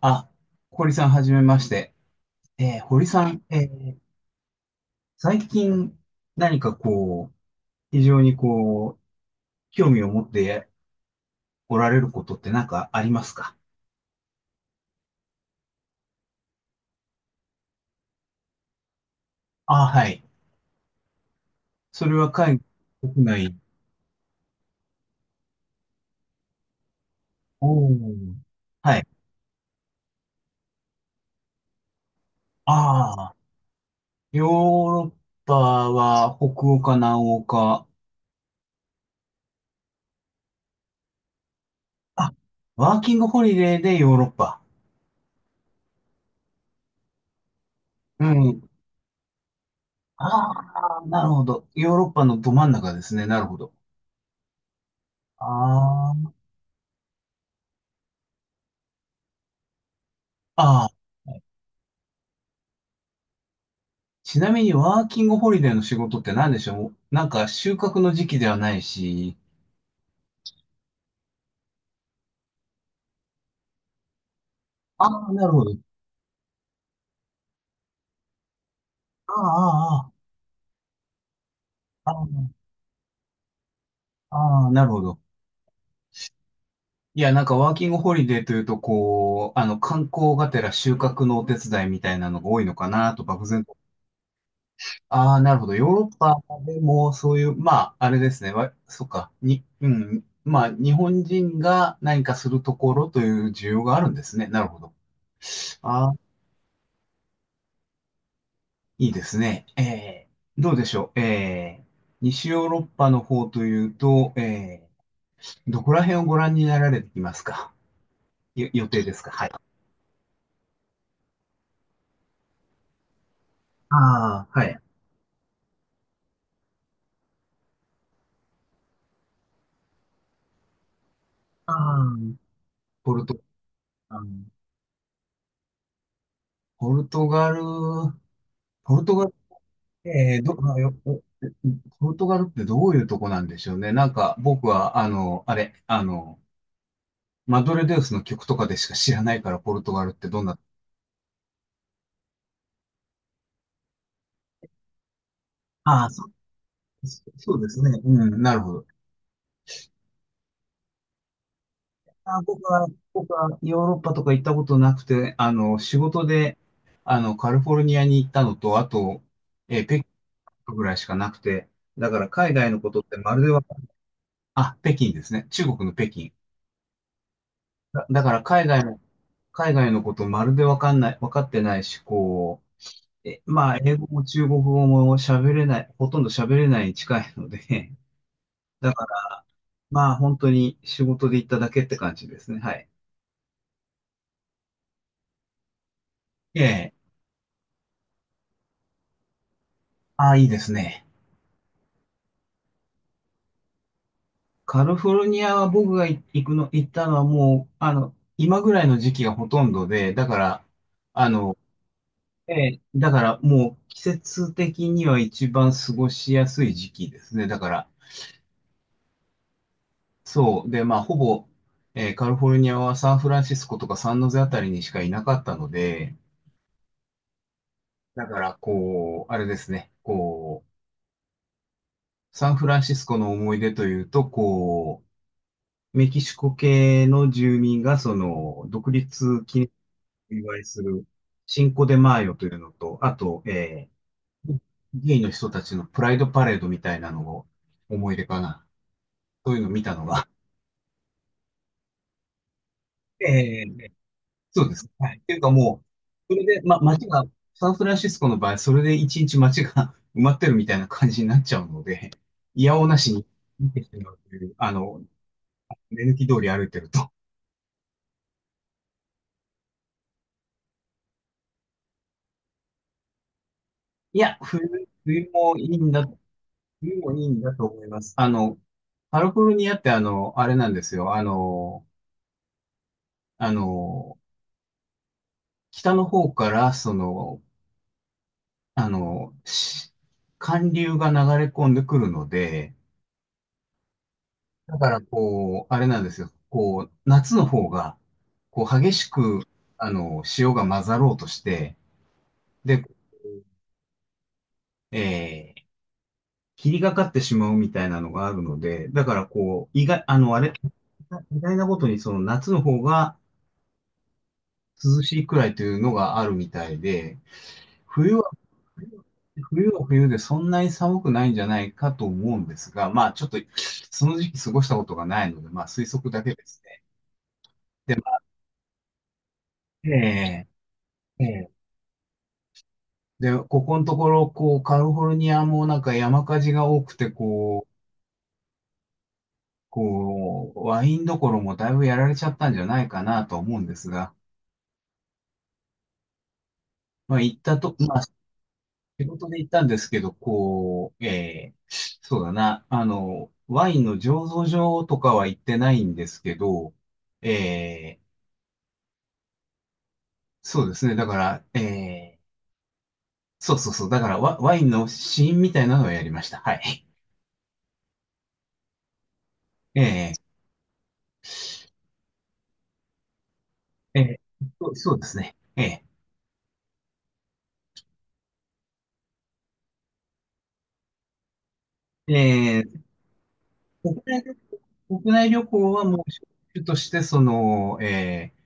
あ、堀さん、はじめまして。堀さん、最近何かこう、非常に興味を持っておられることって何かありますか？あ、はい。それは海外、国内？おー。はい。ああ、ヨーロッパは北欧か南欧か？あ、ワーキングホリデーでヨーロッパ。うん。ああ、なるほど。ヨーロッパのど真ん中ですね。なるほど。ああ。ちなみにワーキングホリデーの仕事って何でしょう？なんか収穫の時期ではないし。ああ、なるほど。ああ、ああ、ああ、ああなるほど。いや、なんかワーキングホリデーというと、こう、あの、観光がてら収穫のお手伝いみたいなのが多いのかなと、漠然と。ああ、なるほど。ヨーロッパでもそういう、まあ、あれですね。わ、そっか。に、うん。まあ、日本人が何かするところという需要があるんですね。なるほど。ああ、いいですね。どうでしょう。西ヨーロッパの方というと、どこら辺をご覧になられていますか？よ予定ですか？はい。ああ、はい。ああ、ポルト、あのポルトガル、ポルトガル、ど、あよおポルトガルってどういうとこなんでしょうね。なんか僕は、あの、あれ、あの、マドレデウスの曲とかでしか知らないから、ポルトガルってどんな。ああ、そう、そうですね。うん、なるほど。あ、僕は、ヨーロッパとか行ったことなくて、あの、仕事で、あの、カリフォルニアに行ったのと、あと、北京ぐらいしかなくて、だから海外のことってまるでわかあ、北京ですね。中国の北京。だ、だから海外の、ことまるでわかんない、わかってないし、こう、え、まあ、英語も中国語も喋れない、ほとんど喋れないに近いので、だから、まあ、本当に仕事で行っただけって感じですね。はい。ええ。ああ、いいですね。カリフォルニアは僕が行くの、行ったのはもう、あの、今ぐらいの時期がほとんどで、だから、あの、ええ、だからもう季節的には一番過ごしやすい時期ですね。だから、そう。で、まあ、ほぼ、カリフォルニアはサンフランシスコとかサンノゼあたりにしかいなかったので、だから、こう、あれですね、こう、サンフランシスコの思い出というと、こう、メキシコ系の住民が、その、独立記お祝いする、シンコデマーヨというのと、あと、ー、ゲイの人たちのプライドパレードみたいなのを思い出かな。そういうのを見たのが。えー、そうです。はい。っていうかもう、それで、ま、街が、サンフランシスコの場合、それで一日街が 埋まってるみたいな感じになっちゃうので、いやおうなしに見てしまうという、あの、目抜き通り歩いてると。いや、冬、冬もいいんだ、冬もいいんだと思います。あの、カリフォルニアってあの、あれなんですよ。あの、あの、北の方から、その、あの、し寒流が流れ込んでくるので、だからこう、あれなんですよ、こう、夏の方が、こう、激しく、あの、潮が混ざろうとして、で、えー、霧がかってしまうみたいなのがあるので、だからこう、意外、あの、あれ、意外なことにその夏の方が涼しいくらいというのがあるみたいで、冬は、冬は冬でそんなに寒くないんじゃないかと思うんですが、まあちょっとその時期過ごしたことがないので、まあ推測だけですね。ええ、ええ。で、ここのところ、こう、カリフォルニアもなんか山火事が多くて、こう、こう、ワインどころもだいぶやられちゃったんじゃないかなと思うんですが、まあ行ったと、まあ仕事で行ったんですけど、こう、そうだな、あの、ワインの醸造所とかは行ってないんですけど、えーそうですね、だから、そうそうそう、だからワ、ワインの試飲みたいなのをやりました。はい。えそう、そうですね。ーえー国内旅、国内旅行はもう、主主として、その、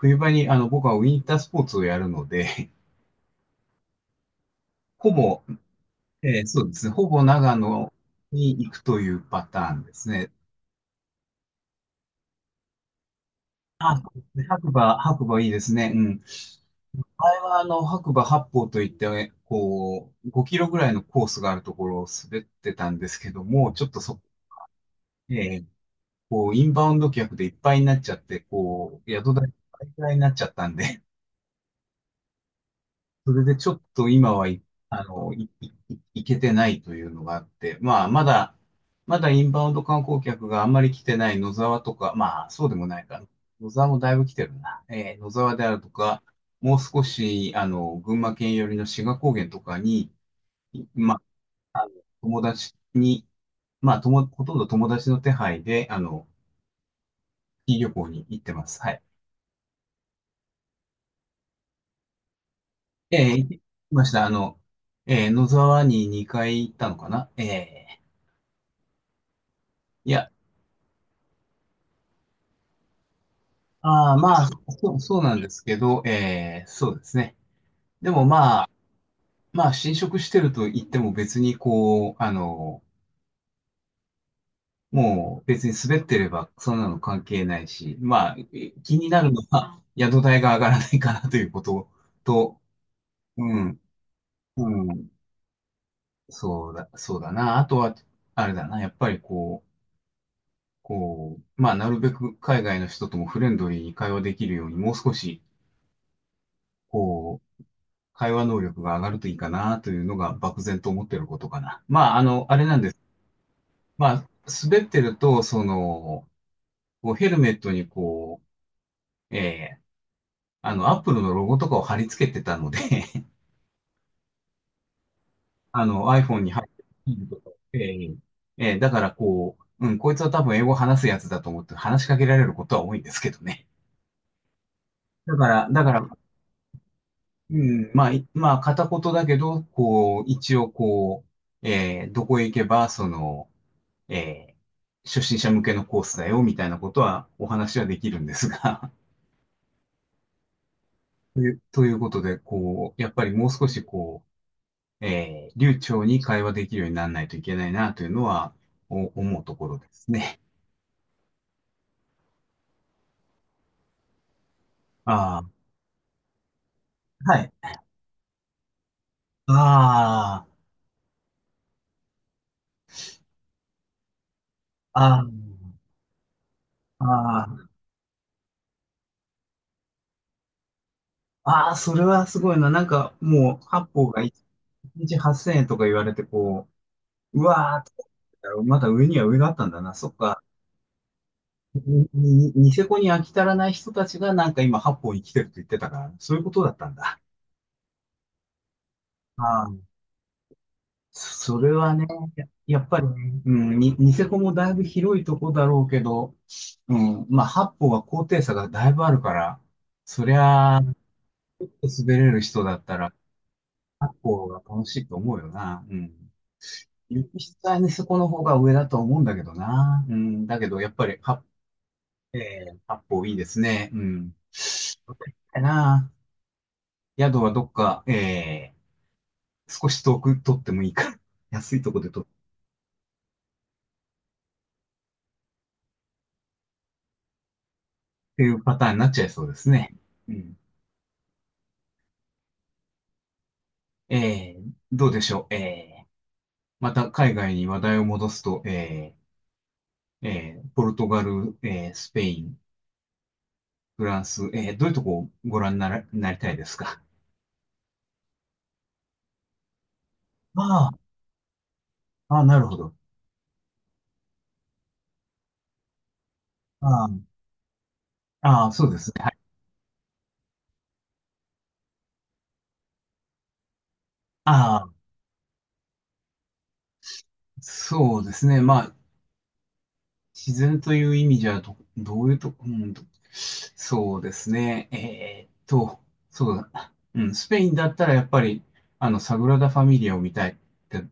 冬場に、あの、僕はウィンタースポーツをやるので、ほぼ、そうですね。ほぼ長野に行くというパターンですね。あ、白馬、白馬いいですね。うん。あれはあの、白馬八方といって、こう、5キロぐらいのコースがあるところを滑ってたんですけども、ちょっとそ、えーこう、インバウンド客でいっぱいになっちゃって、こう、宿代がいっぱいになっちゃったんでそれでちょっと今はい、あの、い、い、いいけてないというのがあって、まあ、まだ、まだインバウンド観光客があんまり来てない野沢とか、まあ、そうでもないかな。野沢もだいぶ来てるな。野沢であるとか、もう少し、あの、群馬県寄りの志賀高原とかに、まあ、あの友達に、まあ、とも、ほとんど友達の手配で、あの、いい旅行に行ってます。はい。行きました。あの、野沢に2回行ったのかないや、ああ、まあ、そう、そうなんですけど、そうですね。でもまあ、まあ、侵食してると言っても別にこう、あの、もう別に滑ってればそんなの関係ないし、まあ、え気になるのは宿代が上がらないかなということと、うん、うん、そうだ、そうだな。あとは、あれだな、やっぱりこう、こう、まあ、なるべく海外の人ともフレンドリーに会話できるように、もう少し、こう、会話能力が上がるといいかなというのが漠然と思っていることかな。まあ、あの、あれなんです。まあ、滑ってると、その、こうヘルメットにこう、あの、アップルのロゴとかを貼り付けてたので あの、iPhone に貼ってるとか、だからこう、うん、こいつは多分英語話すやつだと思って話しかけられることは多いんですけどね。だから、だから、うん、まあ、いまあ、片言だけど、こう、一応こう、どこへ行けば、その、えー初心者向けのコースだよ、みたいなことはお話はできるんですが という、ということで、こう、やっぱりもう少しこう、流暢に会話できるようにならないといけないな、というのは、お思うところですね。ああ、はい。ああ、ああ、ああ、ああ、それはすごいな。なんか、もう、八方が一日8000円とか言われて、こう、うわーって、まだ上には上があったんだな。そっか。ににニセコに飽き足らない人たちがなんか今八本生きてるって言ってたから、そういうことだったんだ。ああ、それはね、やっぱりねニセコもだいぶ広いとこだろうけど、うん、まあ八本は高低差がだいぶあるから、そりゃあ、ちょっと滑れる人だったら八本が楽しいと思うよな。うん。雪質はニセコの方が上だと思うんだけどな。うん、だけどやっぱり八本いいですね。うん。なあ。宿はどっか、少し遠く取ってもいいから、安いとこで取っていうパターンになっちゃいそうですね。うん。どうでしょう。また海外に話題を戻すと、ポルトガル、スペイン、フランス、どういうとこをご覧になら、なりたいですか？ああ、ああ、なるほど。ああ、ああ、そうですね。はい。ああ、そうですね。まあ、自然という意味じゃどういうと、そうですね。そうだな。うん、スペインだったらやっぱり、あの、サグラダ・ファミリアを見たいって、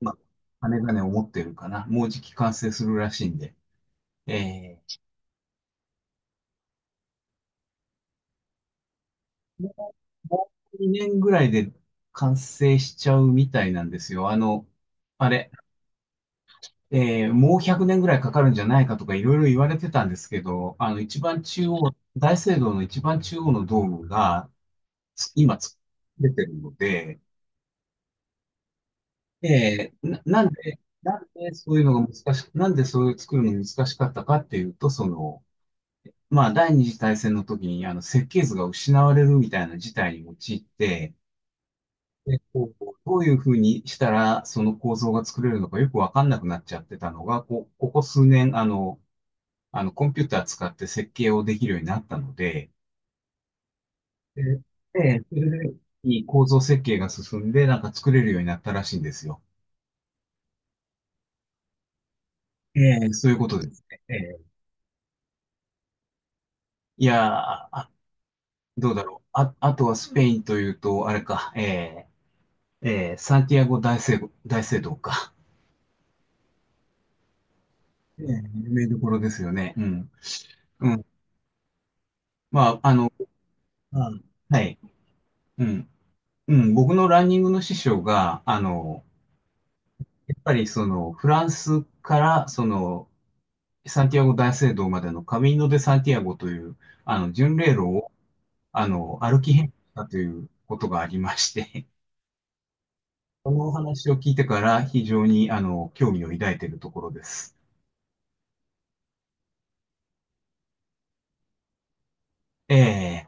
まあ、金がね、思ってるかな。もうじき完成するらしいんで。えー、もう2年ぐらいで完成しちゃうみたいなんですよ。あの、あれ、えーもう100年ぐらいかかるんじゃないかとかいろいろ言われてたんですけど、あの、一番中央、大聖堂の一番中央のドームが、今作れてるので、なんでそういうのが難しく、なんでそういう作るのが難しかったかっていうと、その、まあ、第二次大戦の時に、あの、設計図が失われるみたいな事態に陥って、で、こう、どういうふうにしたら、その構造が作れるのかよくわかんなくなっちゃってたのが、こう、ここ数年、あの、コンピューター使って設計をできるようになったので、で、でそれでいい構造設計が進んで、なんか作れるようになったらしいんですよ。ええ、そういうことですね。ええ、いやー、あ、どうだろう。あ、あとはスペインというと、あれか、ええ、ええ、サンティアゴ大聖、大聖堂か。ええ、有名どころですよね。うん。うん。まあ、あの、あ、はい。うん。うん。僕のランニングの師匠が、あの、やっぱりその、フランスから、その、サンティアゴ大聖堂までのカミーノ・デ・サンティアゴという、あの、巡礼路を、あの、歩き遍路したということがありまして、そのお話を聞いてから非常にあの興味を抱いているところです。ええ